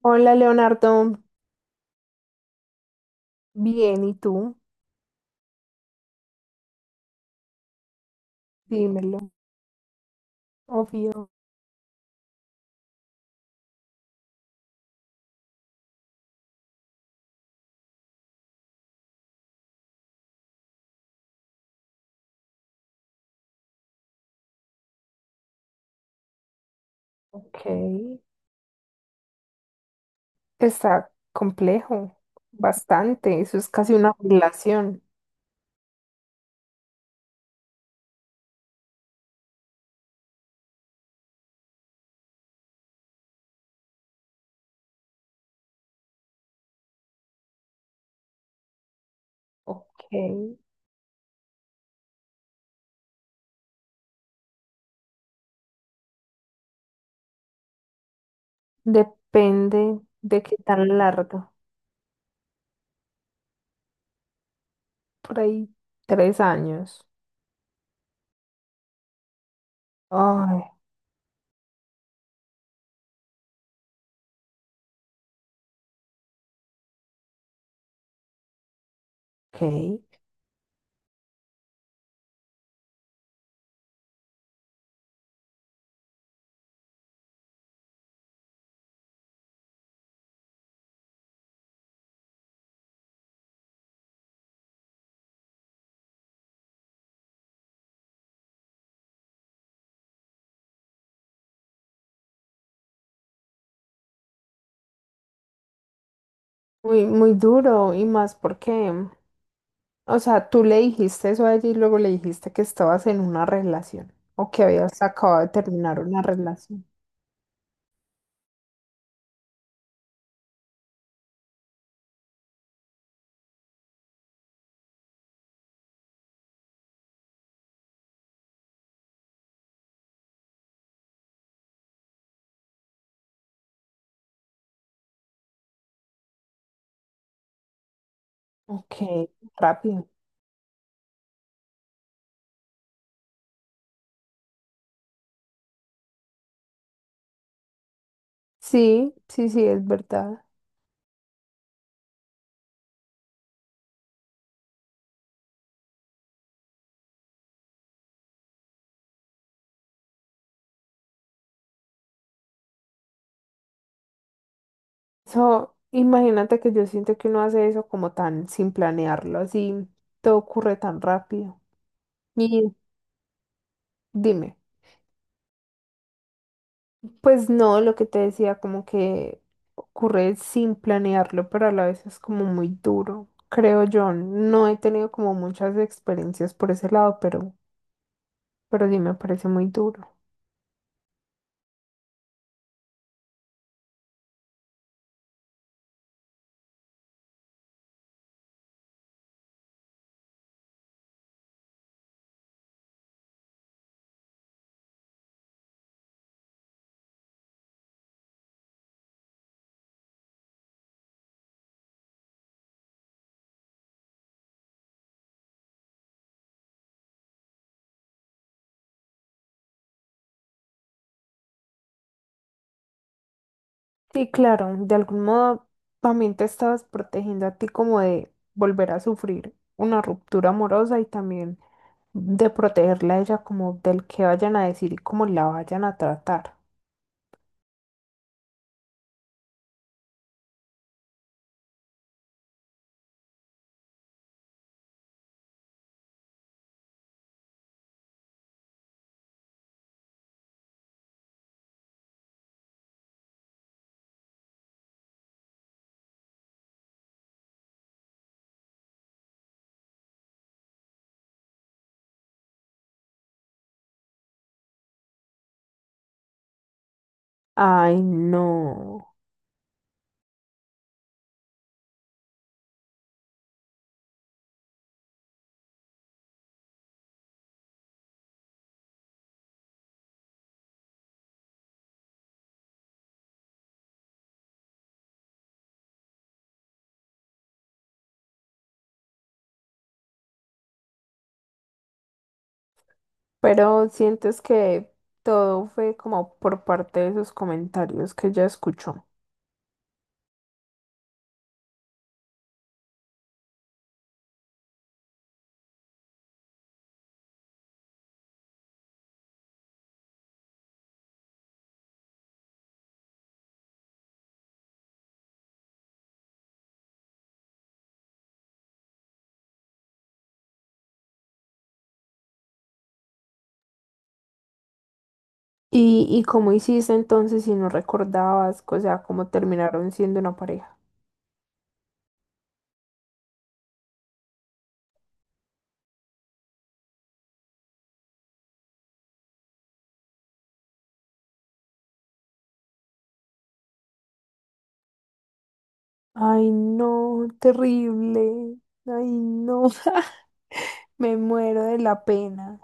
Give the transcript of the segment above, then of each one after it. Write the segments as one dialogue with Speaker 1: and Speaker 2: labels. Speaker 1: Hola Leonardo, bien, ¿y tú? Dímelo. Obvio. Ok, está complejo, bastante, eso es casi una relación. Ok, depende de qué tan largo, por ahí tres años. Ay, ok, muy, muy duro y más porque o sea, tú le dijiste eso a ella y luego le dijiste que estabas en una relación o que habías acabado de terminar una relación. Ok, rápido. Sí, sí, sí, es verdad. Eso, imagínate que yo siento que uno hace eso como tan sin planearlo, así todo ocurre tan rápido. Y dime, pues no, lo que te decía, como que ocurre sin planearlo, pero a la vez es como muy duro, creo yo. No he tenido como muchas experiencias por ese lado, pero sí me parece muy duro. Sí, claro, de algún modo también te estabas protegiendo a ti como de volver a sufrir una ruptura amorosa y también de protegerla a ella como del que vayan a decir y cómo la vayan a tratar. Ay, no. Pero sientes que todo fue como por parte de esos comentarios que ella escuchó. ¿Y cómo hiciste entonces si no recordabas, o sea, ¿cómo terminaron siendo una pareja? Ay, no, terrible. Ay, no, me muero de la pena.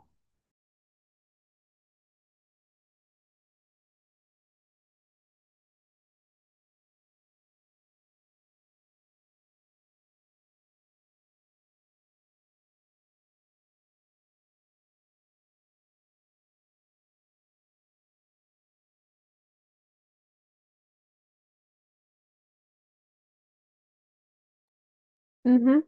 Speaker 1: Ujú.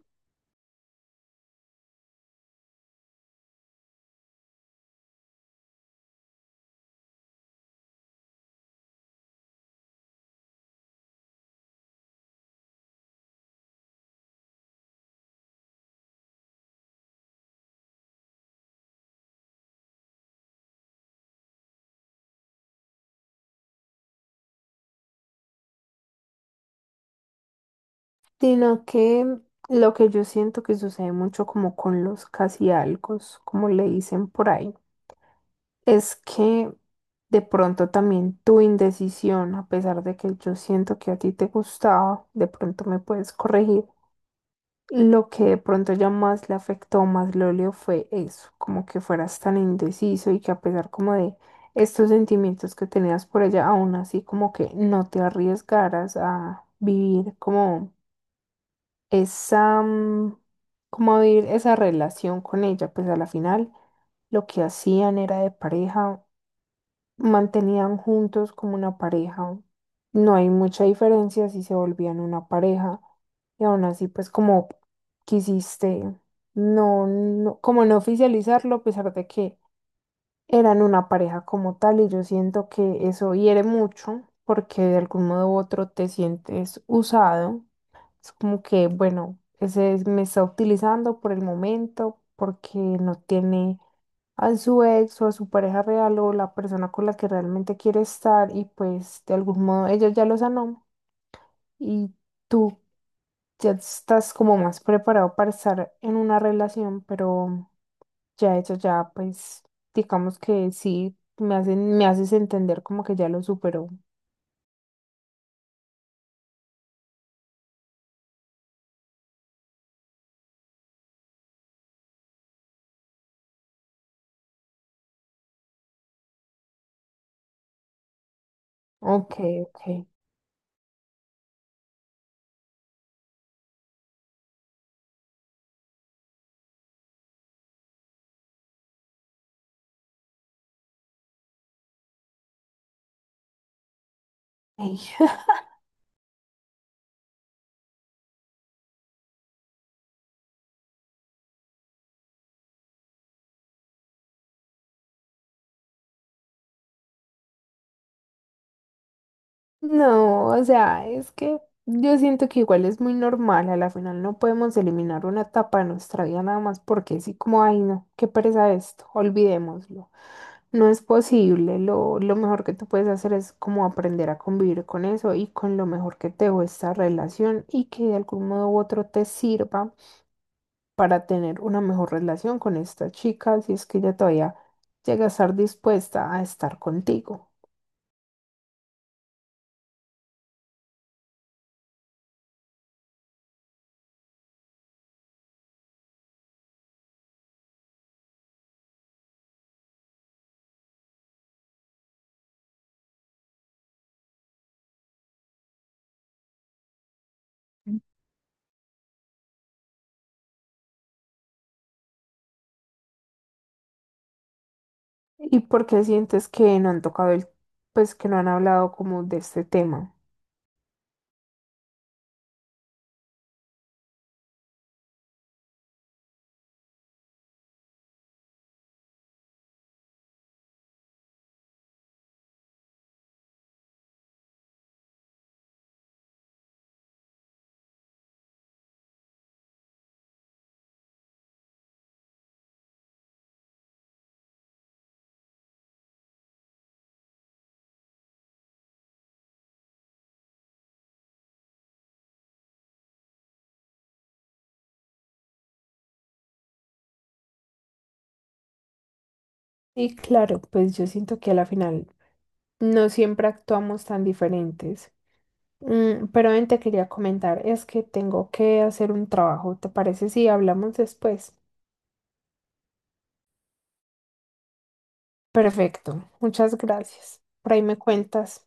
Speaker 1: Sino que lo que yo siento que sucede mucho como con los casi algos, como le dicen por ahí, es que de pronto también tu indecisión, a pesar de que yo siento que a ti te gustaba, de pronto me puedes corregir. Lo que de pronto ya más le afectó, más le olió fue eso, como que fueras tan indeciso y que a pesar como de estos sentimientos que tenías por ella, aún así como que no te arriesgaras a vivir como esa, como vivir esa relación con ella, pues a la final lo que hacían era de pareja, mantenían juntos como una pareja. No hay mucha diferencia si se volvían una pareja y aún así pues como quisiste no como no oficializarlo a pesar de que eran una pareja como tal, y yo siento que eso hiere mucho porque de algún modo u otro te sientes usado. Es como que bueno, me está utilizando por el momento porque no tiene a su ex o a su pareja real o la persona con la que realmente quiere estar, y pues de algún modo ella ya lo sanó y tú ya estás como más preparado para estar en una relación, pero ya eso ya pues digamos que sí me hacen, me haces entender como que ya lo superó. Ok, ok. Ey. No, o sea, es que yo siento que igual es muy normal, a la final no podemos eliminar una etapa de nuestra vida nada más porque sí, como, ay, no, qué pereza esto, olvidémoslo. No es posible, lo mejor que tú puedes hacer es como aprender a convivir con eso y con lo mejor que te dejó esta relación y que de algún modo u otro te sirva para tener una mejor relación con esta chica si es que ella todavía llega a estar dispuesta a estar contigo. ¿Y por qué sientes que no han tocado el, ¿Pues que no han hablado como de este tema? Y claro, pues yo siento que a la final no siempre actuamos tan diferentes. Mm, pero ven, te quería comentar, es que tengo que hacer un trabajo, ¿te parece si hablamos después? Perfecto, muchas gracias. Por ahí me cuentas.